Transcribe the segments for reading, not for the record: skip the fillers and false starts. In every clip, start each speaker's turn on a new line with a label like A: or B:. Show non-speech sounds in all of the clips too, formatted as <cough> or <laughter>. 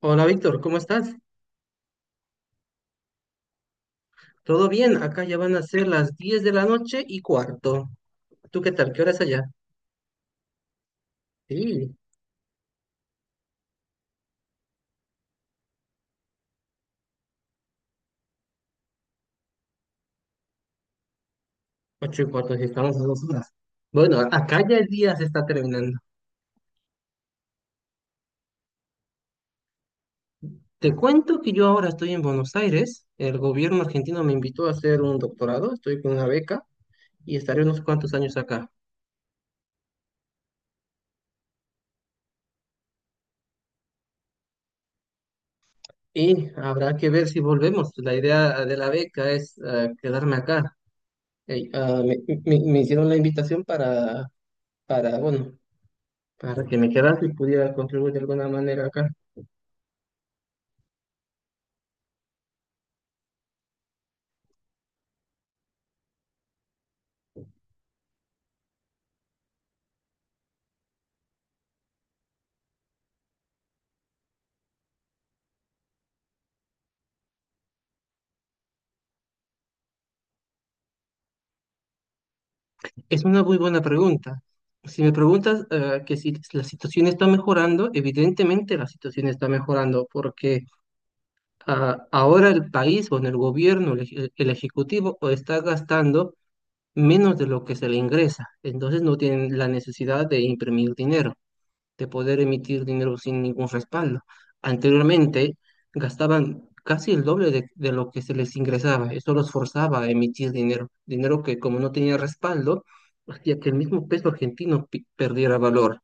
A: Hola Víctor, ¿cómo estás? ¿Todo bien? Acá ya van a ser las 10 de la noche y cuarto. ¿Tú qué tal? ¿Qué hora es allá? Sí, 8 y cuarto, sí, estamos a 2 horas. Bueno, acá ya el día se está terminando. Te cuento que yo ahora estoy en Buenos Aires. El gobierno argentino me invitó a hacer un doctorado, estoy con una beca y estaré unos cuantos años acá. Y habrá que ver si volvemos. La idea de la beca es quedarme acá. Ey, ah, me- me hicieron la invitación para, bueno, para que me quedase y pudiera contribuir de alguna manera acá. Es una muy buena pregunta. Si me preguntas que si la situación está mejorando, evidentemente la situación está mejorando porque ahora el país o en el gobierno, el ejecutivo, o está gastando menos de lo que se le ingresa. Entonces no tienen la necesidad de imprimir dinero, de poder emitir dinero sin ningún respaldo. Anteriormente gastaban casi el doble de lo que se les ingresaba. Eso los forzaba a emitir dinero, dinero que como no tenía respaldo, hacía que el mismo peso argentino perdiera valor.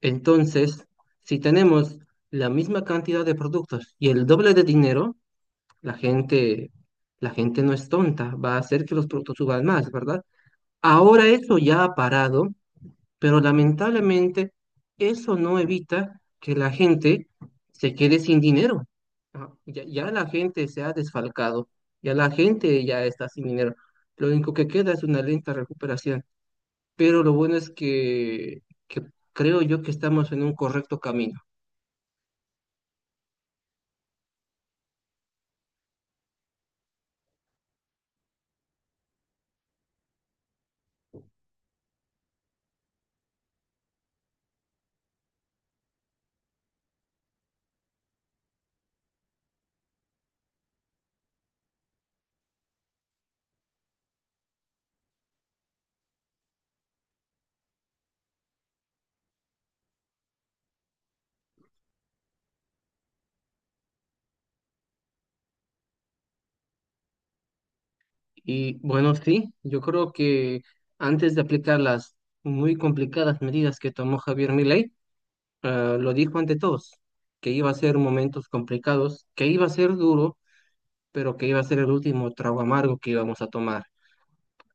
A: Entonces, si tenemos la misma cantidad de productos y el doble de dinero, la gente, la gente no es tonta, va a hacer que los productos suban más, ¿verdad? Ahora eso ya ha parado, pero lamentablemente eso no evita que la gente se quede sin dinero. Ya, la gente se ha desfalcado, ya la gente ya está sin dinero. Lo único que queda es una lenta recuperación, pero lo bueno es que creo yo que estamos en un correcto camino. Y bueno, sí, yo creo que antes de aplicar las muy complicadas medidas que tomó Javier Milei, lo dijo ante todos, que iba a ser momentos complicados, que iba a ser duro pero que iba a ser el último trago amargo que íbamos a tomar.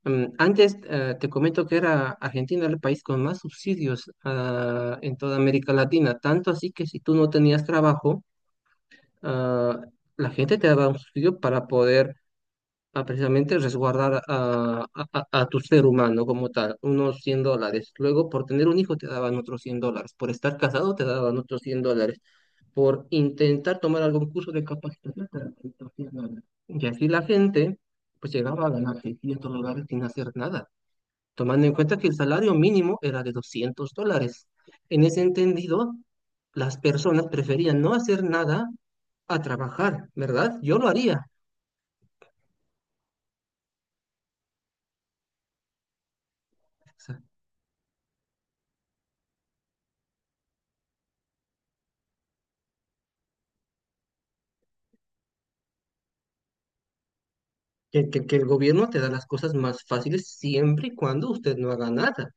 A: Antes, te comento que era Argentina el país con más subsidios en toda América Latina, tanto así que si tú no tenías trabajo, ah, la gente te daba un subsidio para poder precisamente resguardar a tu ser humano como tal, unos $100. Luego, por tener un hijo te daban otros $100, por estar casado te daban otros $100 por intentar tomar algún curso de capacitación terapéutica. Y así la gente pues llegaba a ganar $600 sin hacer nada, tomando en cuenta que el salario mínimo era de $200. En ese entendido, las personas preferían no hacer nada a trabajar, ¿verdad? Yo lo haría. Que el gobierno te da las cosas más fáciles siempre y cuando usted no haga nada.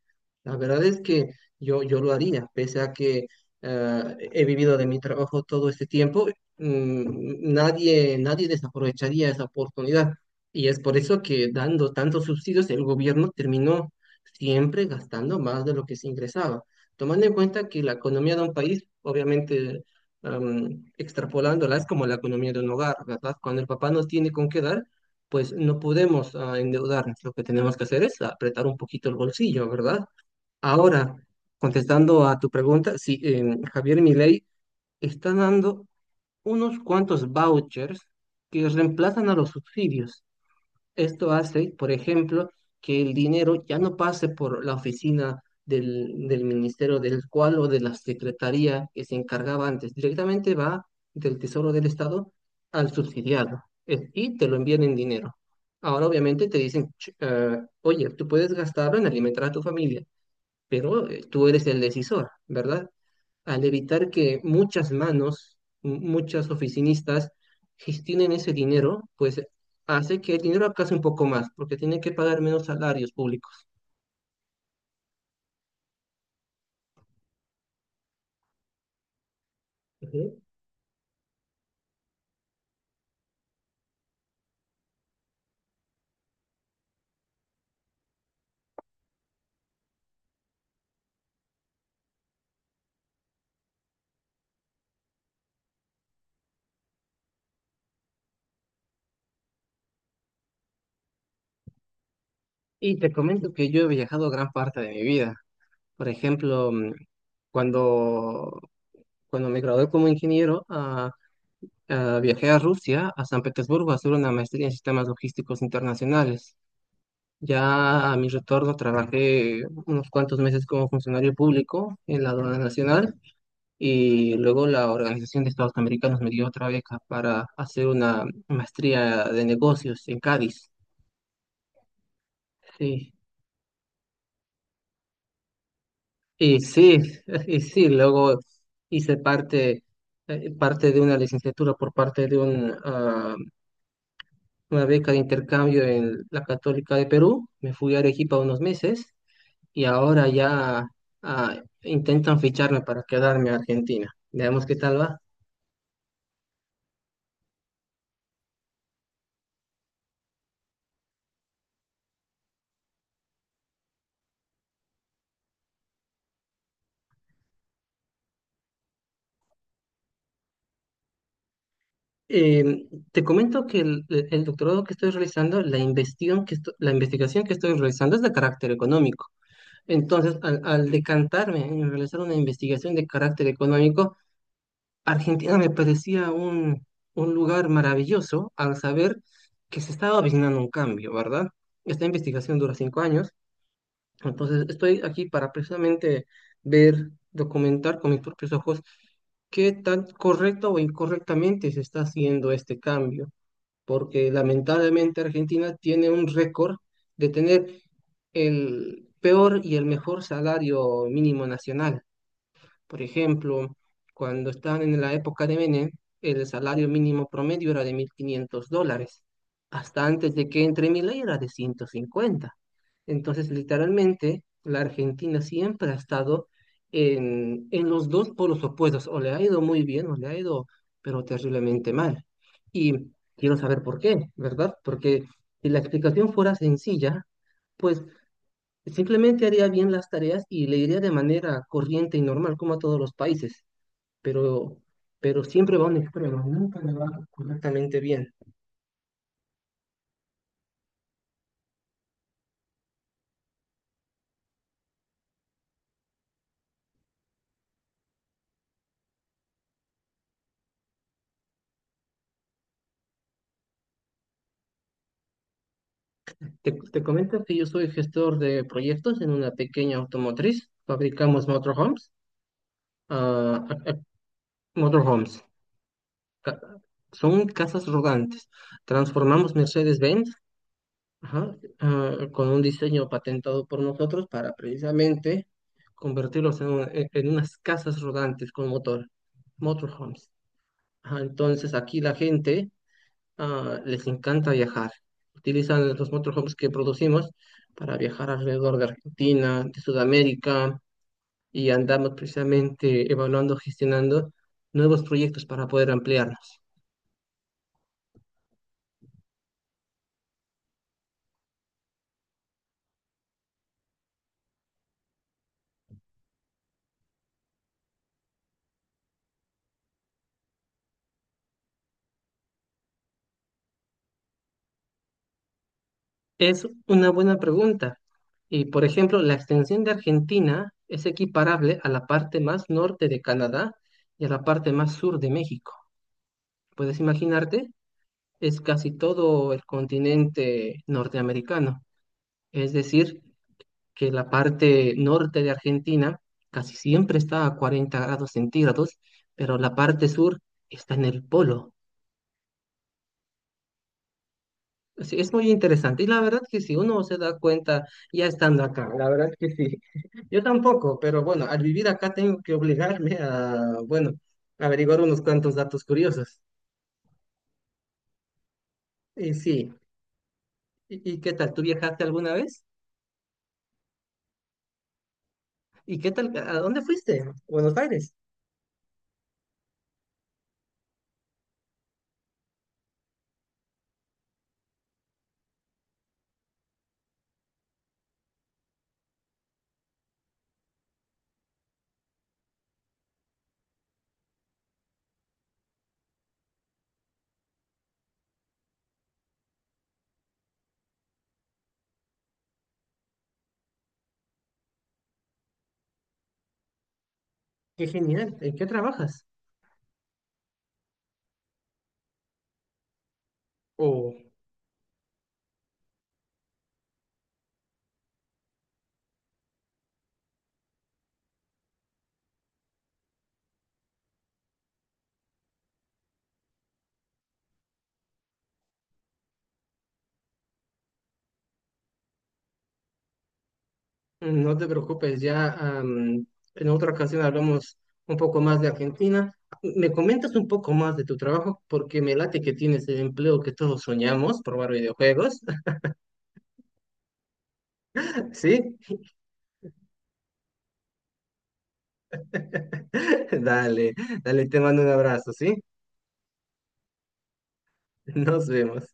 A: La verdad es que yo lo haría, pese a que eh, he vivido de mi trabajo todo este tiempo, nadie desaprovecharía esa oportunidad. Y es por eso que dando tantos subsidios, el gobierno terminó siempre gastando más de lo que se ingresaba. Tomando en cuenta que la economía de un país, obviamente, extrapolándola, es como la economía de un hogar, ¿verdad? Cuando el papá no tiene con qué dar, pues no podemos endeudarnos. Lo que tenemos que hacer es apretar un poquito el bolsillo, ¿verdad? Ahora, contestando a tu pregunta, sí, Javier Milei está dando unos cuantos vouchers que reemplazan a los subsidios. Esto hace, por ejemplo, que el dinero ya no pase por la oficina del ministerio del cual o de la secretaría que se encargaba antes. Directamente va del Tesoro del Estado al subsidiado y te lo envían en dinero. Ahora, obviamente, te dicen, Oye, tú puedes gastarlo en alimentar a tu familia, pero tú eres el decisor, ¿verdad? Al evitar que muchas manos, muchas oficinistas gestionen ese dinero, pues hace que el dinero alcance un poco más, porque tiene que pagar menos salarios públicos. Ujú. Y te comento que yo he viajado gran parte de mi vida. Por ejemplo, cuando, cuando me gradué como ingeniero, viajé a Rusia, a San Petersburgo, a hacer una maestría en sistemas logísticos internacionales. Ya a mi retorno trabajé unos cuantos meses como funcionario público en la aduana nacional. Y luego la Organización de Estados Americanos me dio otra beca para hacer una maestría de negocios en Cádiz. Sí, y sí, <laughs> y sí, luego hice parte de una licenciatura por parte de una beca de intercambio en la Católica de Perú. Me fui a Arequipa unos meses y ahora ya intentan ficharme para quedarme a Argentina. Veamos qué tal va. Te comento que el doctorado que estoy realizando, la investigación que estoy realizando es de carácter económico. Entonces, al decantarme en realizar una investigación de carácter económico, Argentina me parecía un lugar maravilloso al saber que se estaba avecinando un cambio, ¿verdad? Esta investigación dura 5 años, entonces estoy aquí para precisamente ver, documentar con mis propios ojos qué tan correcto o incorrectamente se está haciendo este cambio porque lamentablemente Argentina tiene un récord de tener el peor y el mejor salario mínimo nacional. Por ejemplo, cuando estaban en la época de Menem, el salario mínimo promedio era de $1.500. Hasta antes de que entre Milei era de 150. Entonces, literalmente, la Argentina siempre ha estado en los dos polos opuestos. O le ha ido muy bien o le ha ido, pero terriblemente mal. Y quiero saber por qué, ¿verdad? Porque si la explicación fuera sencilla, pues simplemente haría bien las tareas y le iría de manera corriente y normal, como a todos los países, pero, siempre va a un extremo, nunca le va correctamente bien. Te comento que yo soy gestor de proyectos en una pequeña automotriz, fabricamos motorhomes, ah, ah, ah, motorhomes. ca- son casas rodantes. Transformamos Mercedes-Benz, ajá, con un diseño patentado por nosotros para precisamente convertirlos en unas casas rodantes con motor, motorhomes. Ajá, entonces aquí la gente les encanta viajar. Utilizan los motorhomes que producimos para viajar alrededor de Argentina, de Sudamérica, y andamos precisamente evaluando, gestionando nuevos proyectos para poder ampliarnos. Es una buena pregunta. Y por ejemplo, la extensión de Argentina es equiparable a la parte más norte de Canadá y a la parte más sur de México. Puedes imaginarte, es casi todo el continente norteamericano. Es decir, que la parte norte de Argentina casi siempre está a 40 grados centígrados, pero la parte sur está en el polo. Así es muy interesante. Y la verdad que si uno se da cuenta ya estando acá, la verdad que sí. <laughs> Yo tampoco, pero bueno, al vivir acá tengo que obligarme a, bueno, averiguar unos cuantos datos curiosos. Y sí, ¿y qué tal? ¿Tú viajaste alguna vez? ¿Y qué tal? ¿A dónde fuiste? Buenos Aires. Qué genial. ¿En qué trabajas? No te preocupes, ya en otra ocasión hablamos un poco más de Argentina. ¿Me comentas un poco más de tu trabajo? Porque me late que tienes el empleo que todos soñamos, probar videojuegos. <laughs> ¿Sí? <laughs> Dale, dale, te mando un abrazo, ¿sí? Nos vemos.